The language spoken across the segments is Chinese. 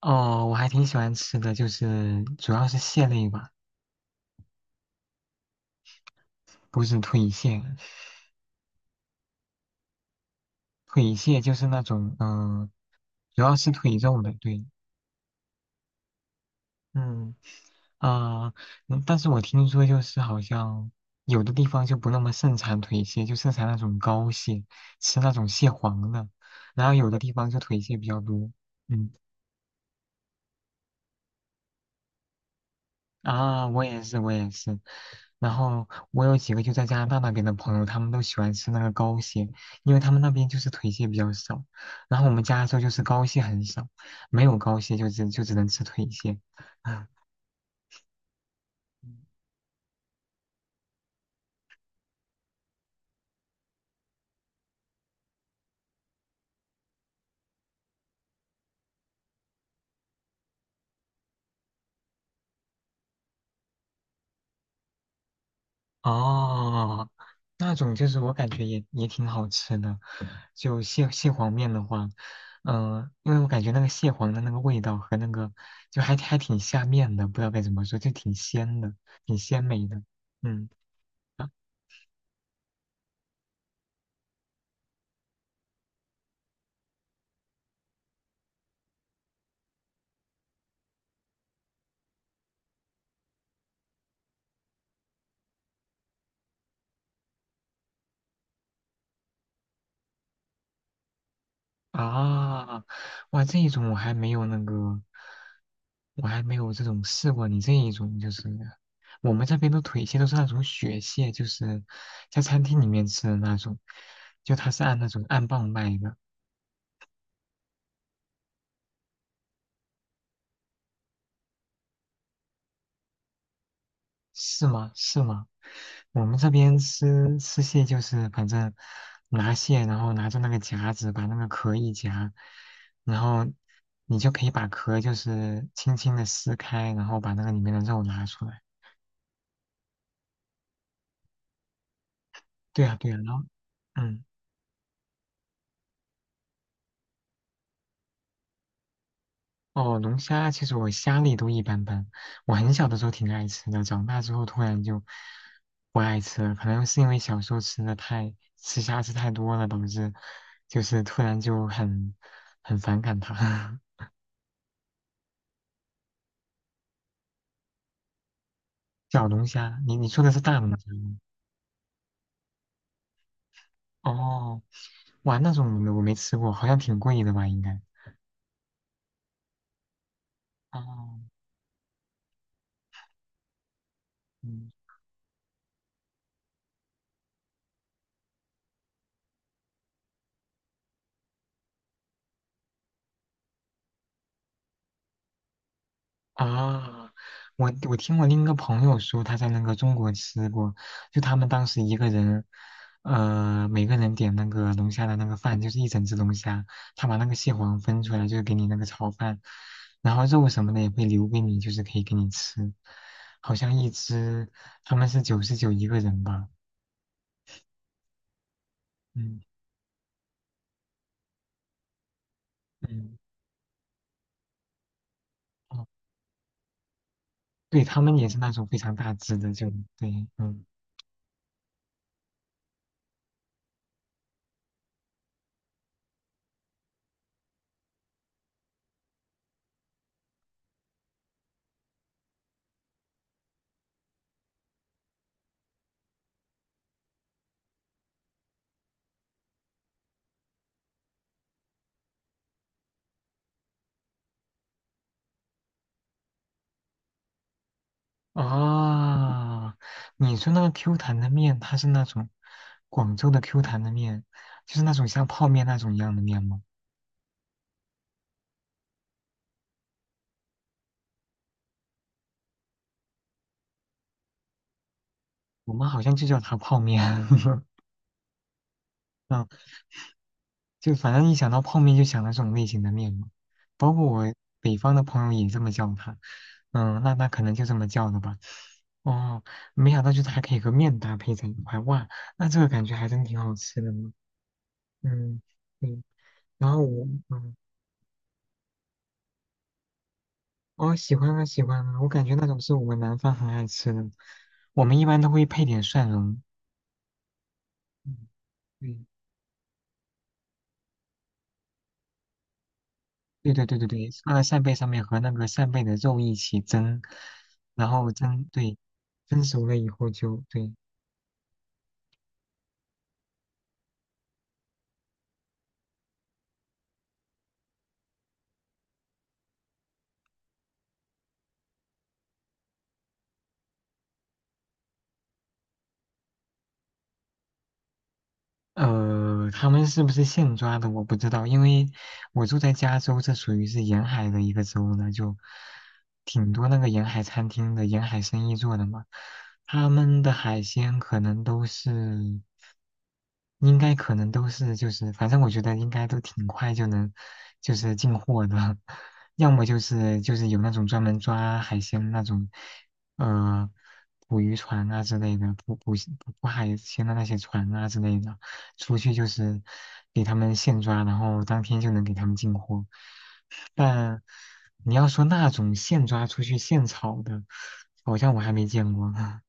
哦，我还挺喜欢吃的，就是主要是蟹类吧，不是腿蟹。腿蟹就是那种，主要是腿肉的，对，嗯，啊、但是我听说就是好像有的地方就不那么盛产腿蟹，就盛产那种膏蟹，吃那种蟹黄的，然后有的地方就腿蟹比较多，嗯。啊，我也是，我也是。然后我有几个就在加拿大那边的朋友，他们都喜欢吃那个膏蟹，因为他们那边就是腿蟹比较少，然后我们加州就是膏蟹很少，没有膏蟹就只能吃腿蟹。哦，那种就是我感觉也挺好吃的，就蟹黄面的话，因为我感觉那个蟹黄的那个味道和那个就还挺下面的，不知道该怎么说，就挺鲜的，挺鲜美的。嗯。啊，哇，这一种我还没有那个，我还没有这种试过。你这一种就是，我们这边的腿蟹都是那种雪蟹，就是在餐厅里面吃的那种，就它是按那种按磅卖的，是吗？是吗？我们这边吃蟹就是反正拿蟹，然后拿着那个夹子把那个壳一夹，然后你就可以把壳就是轻轻的撕开，然后把那个里面的肉拿出来。对啊，对啊，然后，嗯，哦，龙虾其实我虾类都一般般，我很小的时候挺爱吃的，长大之后突然就不爱吃了，可能是因为小时候吃的太吃虾吃太多了，导致就是突然就很反感它。小龙虾，你说的是大龙虾吗？哦，哇，那种我没吃过，好像挺贵的吧？应该。哦，嗯。啊，我听我另一个朋友说，他在那个中国吃过，就他们当时一个人，每个人点那个龙虾的那个饭，就是一整只龙虾，他把那个蟹黄分出来，就是给你那个炒饭，然后肉什么的也会留给你，就是可以给你吃，好像一只他们是99一个人吧，嗯嗯，哦，对他们也是那种非常大只的，就对，嗯。啊，你说那个 Q 弹的面，它是那种广州的 Q 弹的面，就是那种像泡面那种一样的面吗？我们好像就叫它泡面。嗯，就反正一想到泡面就想到这种类型的面嘛。包括我北方的朋友也这么叫它。嗯，那可能就这么叫的吧。哦，没想到就是还可以和面搭配在一块，哇，那这个感觉还真挺好吃的呢。嗯，对，然后我，嗯。哦，喜欢啊，喜欢啊，我感觉那种是我们南方很爱吃的，我们一般都会配点蒜蓉。嗯，对，对对对对对，放在扇贝上面和那个扇贝的肉一起蒸，然后蒸，对，蒸熟了以后就对，他们是不是现抓的我不知道，因为我住在加州，这属于是沿海的一个州呢，就挺多那个沿海餐厅的沿海生意做的嘛。他们的海鲜可能都是，应该可能都是就是，反正我觉得应该都挺快就能就是进货的，要么就是有那种专门抓海鲜那种，呃，捕鱼船啊之类的，捕海鲜的那些船啊之类的。出去就是给他们现抓，然后当天就能给他们进货。但你要说那种现抓出去现炒的，好像我还没见过啊。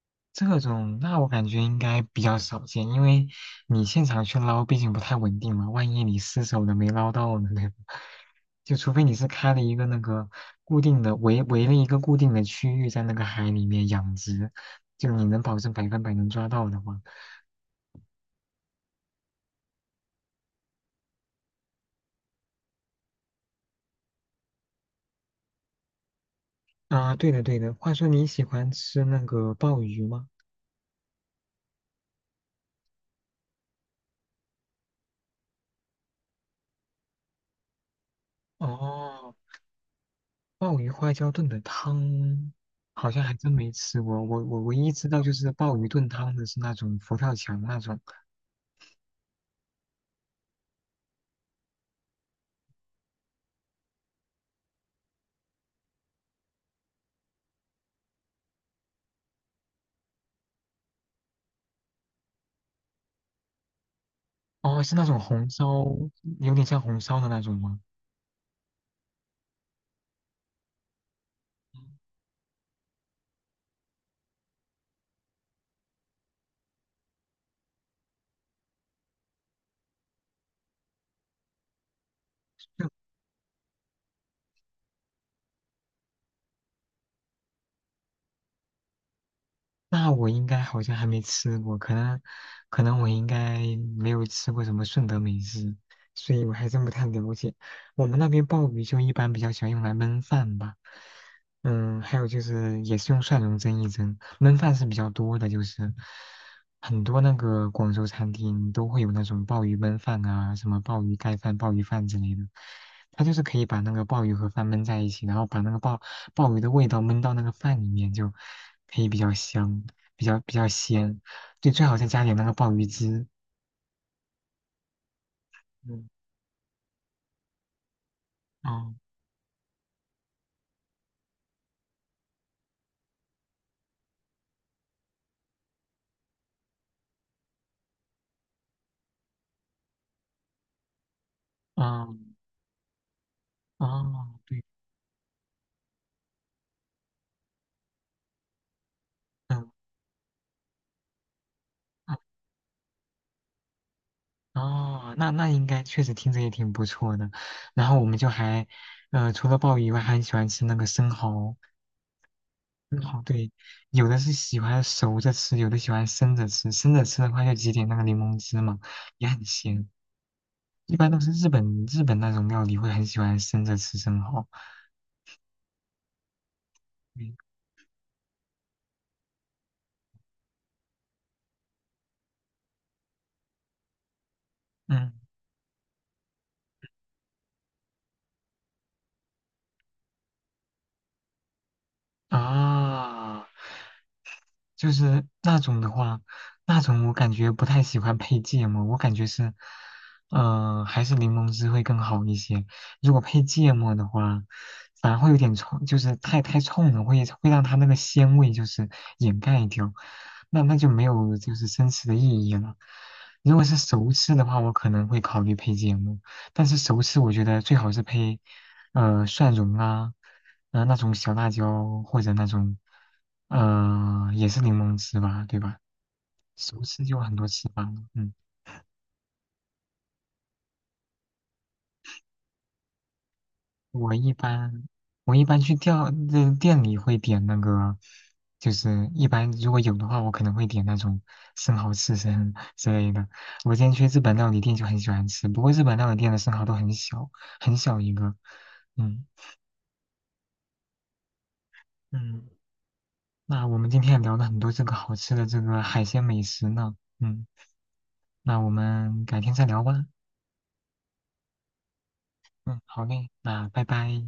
这种那我感觉应该比较少见，因为你现场去捞，毕竟不太稳定嘛，万一你失手了没捞到呢，对吧？就除非你是开了一个那个固定的围了一个固定的区域在那个海里面养殖，就你能保证100%能抓到的话，啊，对的对的。话说你喜欢吃那个鲍鱼吗？哦，鲍鱼花椒炖的汤，好像还真没吃过。我唯一知道就是鲍鱼炖汤的是那种佛跳墙那种，哦，是那种红烧，有点像红烧的那种吗？那我应该好像还没吃过，可能我应该没有吃过什么顺德美食，所以我还真不太了解。我们那边鲍鱼就一般比较喜欢用来焖饭吧，嗯，还有就是也是用蒜蓉蒸一蒸，焖饭是比较多的，就是很多那个广州餐厅都会有那种鲍鱼焖饭啊，什么鲍鱼盖饭、鲍鱼饭之类的，它就是可以把那个鲍鱼和饭焖在一起，然后把那个鲍鱼的味道焖到那个饭里面，就可以比较香，比较鲜。就最好再加点那个鲍鱼汁。嗯，哦，哦，哦，对，嗯，啊哦，那应该确实听着也挺不错的。然后我们就还，除了鲍鱼以外，还很喜欢吃那个生蚝。生蚝，对，有的是喜欢熟着吃，有的喜欢生着吃。生着吃的话，就挤点那个柠檬汁嘛，也很鲜。一般都是日本那种料理会很喜欢生着吃生蚝。嗯嗯啊，就是那种的话，那种我感觉不太喜欢配芥末，我感觉是，还是柠檬汁会更好一些。如果配芥末的话，反而会有点冲，就是太冲了，会让它那个鲜味就是掩盖掉，那就没有就是真实的意义了。如果是熟吃的话，我可能会考虑配芥末，但是熟吃我觉得最好是配。蒜蓉啊，那种小辣椒或者那种也是柠檬汁吧，对吧？熟吃就有很多吃法了。嗯，我一般我一般那店里会点那个，就是一般如果有的话，我可能会点那种生蚝刺身 之类的。我之前去日本料理店就很喜欢吃，不过日本料理店的生蚝都很小，很小一个。嗯嗯，那我们今天也聊了很多这个好吃的这个海鲜美食呢。嗯。那我们改天再聊吧。嗯，好嘞，那拜拜。